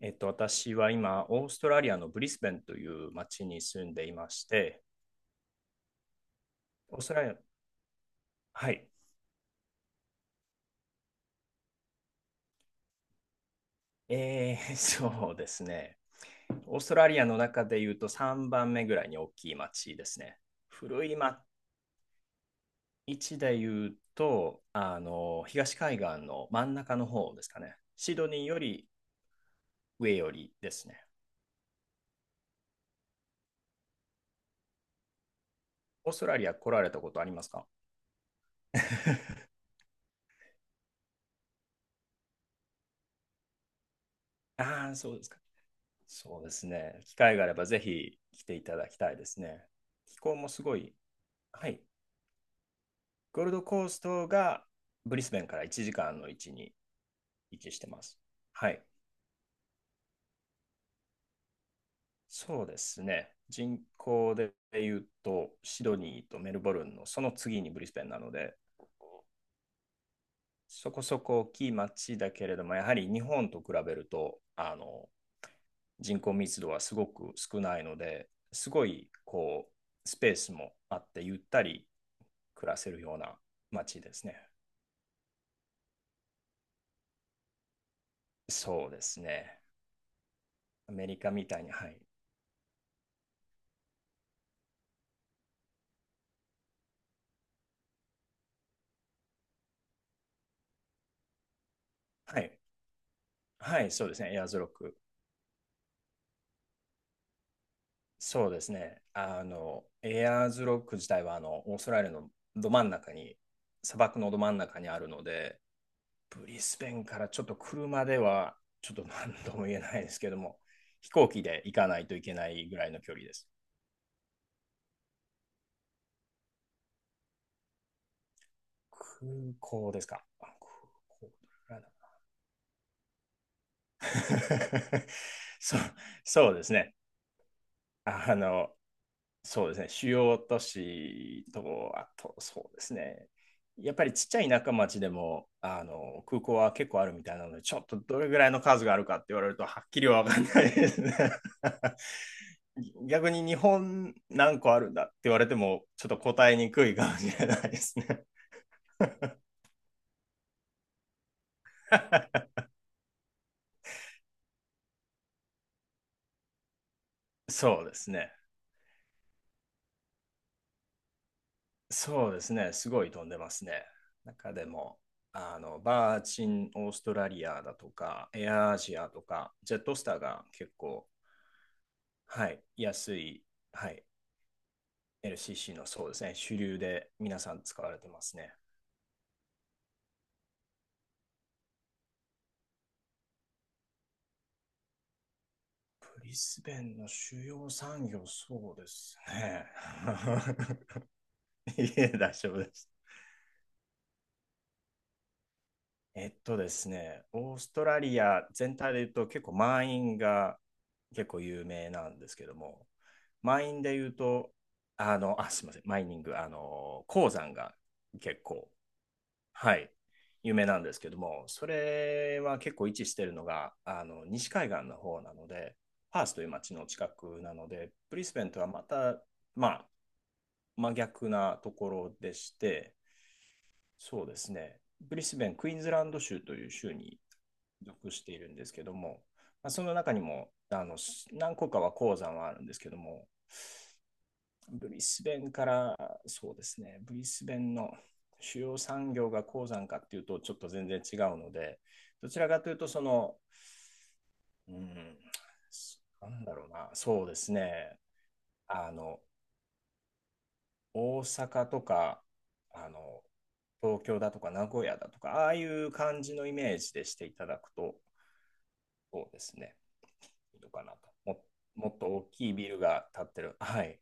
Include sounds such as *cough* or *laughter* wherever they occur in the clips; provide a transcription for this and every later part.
私は今、オーストラリアのブリスベンという町に住んでいまして、オーストラリア、はい、*laughs* そうですね。オーストラリアの中で言うと3番目ぐらいに大きい町ですね。古い町で言うと、東海岸の真ん中の方ですかね。シドニーより上よりですね。オーストラリア来られたことありますか？ *laughs* ああ、そうですか。そうですね。機会があればぜひ来ていただきたいですね。気候もすごい。はい。ゴールドコーストがブリスベンから1時間の位置に位置してます。はい。そうですね。人口で言うと、シドニーとメルボルンのその次にブリスベンなので、そこそこ大きい町だけれども、やはり日本と比べると、人口密度はすごく少ないので、すごいこう、スペースもあって、ゆったり暮らせるような街ですね。そうですね。アメリカみたいに、はい。はい。はい、そうですね。エアーズロック。そうですね。エアーズロック自体は、オーストラリアのど真ん中に、砂漠のど真ん中にあるので、ブリスベンからちょっと車では、ちょっと何とも言えないですけども、飛行機で行かないといけないぐらいの距離です。空港ですか。あ空港だれら *laughs* そう、そうですね。あの、そうですね、主要都市と、あと、そうですね。やっぱりちっちゃい田舎町でもあの空港は結構あるみたいなので、ちょっとどれぐらいの数があるかって言われると、はっきりは分かんないですね。*laughs* 逆に日本何個あるんだって言われても、ちょっと答えにくいかもしれないですね。*laughs* そうですね。そうですね。すごい飛んでますね。中でも、バーチンオーストラリアだとか、エアアジアとか、ジェットスターが結構はい、安い、はい、LCC のそうですね、主流で皆さん使われてますね。ブリスベンの主要産業、そうですね。*laughs* いえ、大丈夫です。えっとですね、オーストラリア全体で言うと結構満員が結構有名なんですけども、満員で言うと、すみません、マイニング、鉱山が結構はい、夢なんですけども、それは結構位置してるのが、西海岸の方なので、パースという町の近くなので、ブリスベンとはまた、まあ、真逆なところでして、そうですね、ブリスベン、クイーンズランド州という州に属しているんですけども、まあ、その中にもあの何個かは鉱山はあるんですけども、ブリスベンからそうですね、ブリスベンの主要産業が鉱山かっていうとちょっと全然違うので、どちらかというとその、うん、なんだろうな、そうですね、あの、大阪とか、あの、東京だとか名古屋だとか、ああいう感じのイメージでしていただくと、そうですね、いいのかなと。も、もっと大きいビルが建ってる、はい、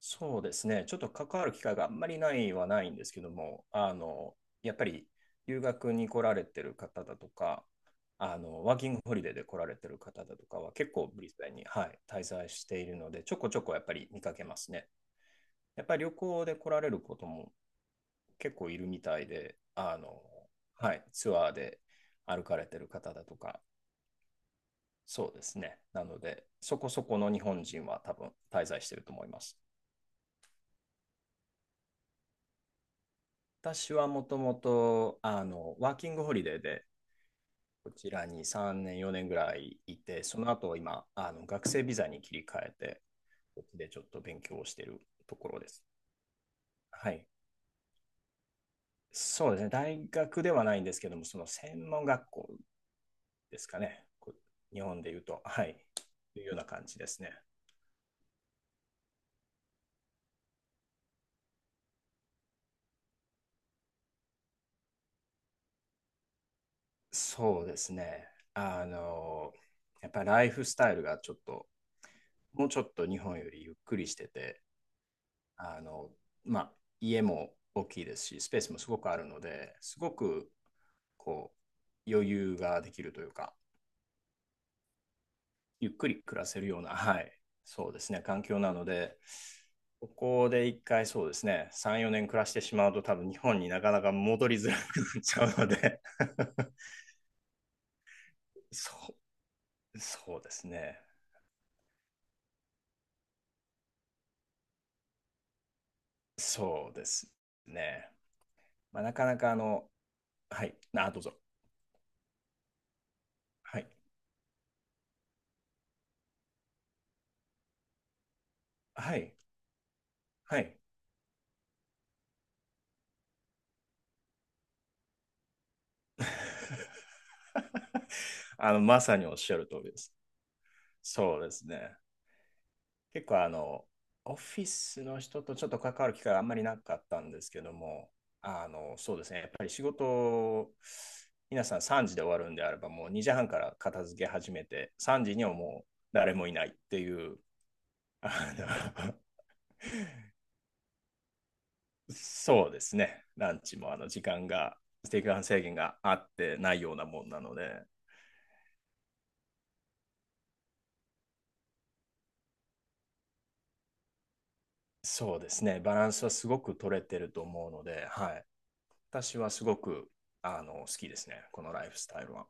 そうですね。ちょっと関わる機会があんまりないはないんですけども、やっぱり留学に来られてる方だとか、ワーキングホリデーで来られてる方だとかは結構ブリスベンに、はい、滞在しているので、ちょこちょこやっぱり見かけますね。やっぱり旅行で来られることも結構いるみたいで、はい、ツアーで歩かれてる方だとか、そうですね。なので、そこそこの日本人は多分滞在してると思います。私はもともと、ワーキングホリデーで、こちらに3年、4年ぐらいいて、その後今、学生ビザに切り替えて、こっちでちょっと勉強をしているところです。はい。そうですね。大学ではないんですけども、その専門学校ですかね。こ日本で言うと、はい。というような感じですね。そうですね。あの、やっぱりライフスタイルがちょっと、もうちょっと日本よりゆっくりしてて、あの、まあ、家も大きいですし、スペースもすごくあるので、すごく、こう、余裕ができるというか、ゆっくり暮らせるような、*laughs* はい、そうですね、環境なので、ここで一回そうですね、3、4年暮らしてしまうと多分日本になかなか戻りづらくなっちゃうので *laughs* そそうですね、そうですね。まあ、なかなかあの、はい、あ、どうぞ。はい、はい、はい。*laughs* *laughs* まさにおっしゃる通りです。そうですね。結構あの、オフィスの人とちょっと関わる機会があんまりなかったんですけども、そうですね。やっぱり仕事、皆さん3時で終わるんであれば、もう2時半から片付け始めて、3時にはもう誰もいないっていう、あの *laughs* そうですね。ランチもあの時間が、時間制限があってないようなもんなので、そうですね。バランスはすごく取れてると思うので、はい。私はすごくあの好きですね、このライフスタイルは。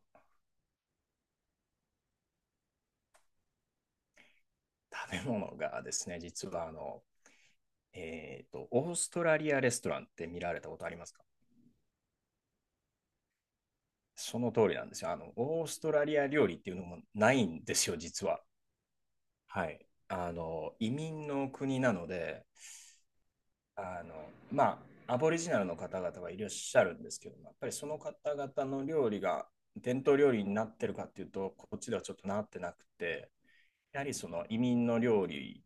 食べ物がですね、実はあの、オーストラリアレストランって見られたことありますか？その通りなんですよ。オーストラリア料理っていうのもないんですよ、実は。はい。移民の国なので、あの、まアボリジナルの方々がいらっしゃるんですけども、やっぱりその方々の料理が伝統料理になってるかっていうと、こっちではちょっとなってなくて、やはりその移民の料理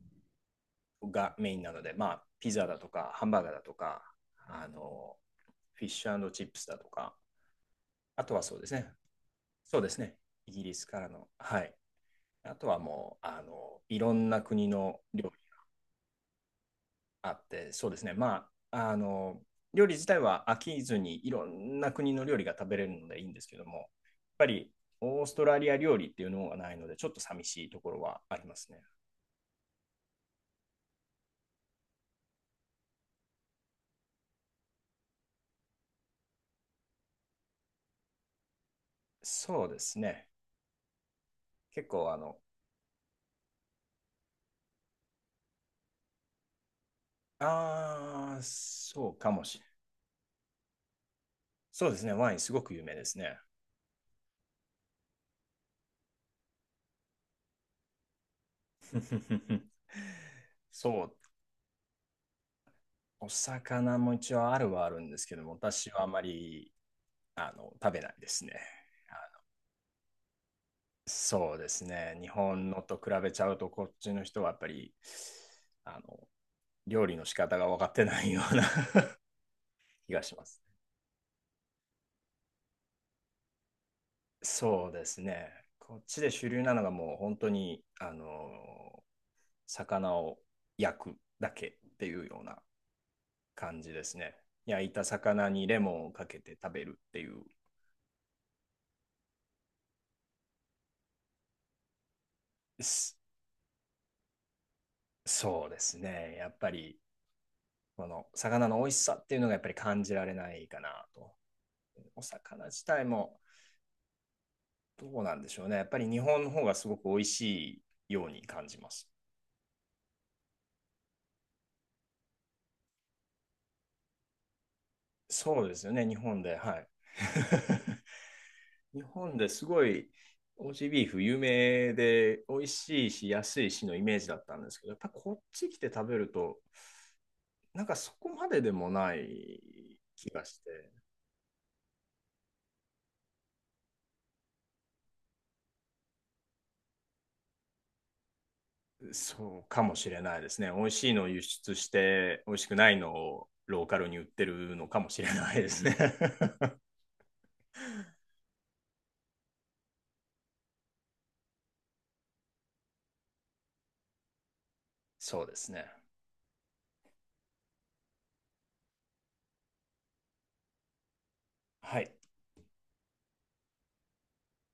がメインなので、まあ、ピザだとか、ハンバーガーだとか、あの、フィッシュチップスだとか、あとはそうですね、そうですね、イギリスからの、はい。あとはもう、いろんな国の料理あって、そうですね。料理自体は飽きずにいろんな国の料理が食べれるのでいいんですけども、やっぱりオーストラリア料理っていうのがないので、ちょっと寂しいところはありますね。そうですね。結構あの、あー、そうかもしれないそうですね。ワインすごく有名ですね。*laughs* そう、お魚も一応あるはあるんですけども、私はあまり、食べないですね。そうですね。日本のと比べちゃうと、こっちの人はやっぱり、あの、料理の仕方が分かってないような *laughs* 気がします。そうですね。こっちで主流なのがもう本当に、魚を焼くだけっていうような感じですね。焼いた魚にレモンをかけて食べるっていう。すそうですね。やっぱり、この魚の美味しさっていうのがやっぱり感じられないかなと。お魚自体も、どうなんでしょうね。やっぱり日本の方がすごく美味しいように感じます。そうですよね、日本で。はい。*laughs* 日本ですごい、オージービーフ有名で美味しいし安いしのイメージだったんですけど、やっぱこっち来て食べると、なんかそこまででもない気がして、そうかもしれないですね。美味しいのを輸出して、美味しくないのをローカルに売ってるのかもしれないですね。*laughs* そうですね。はい。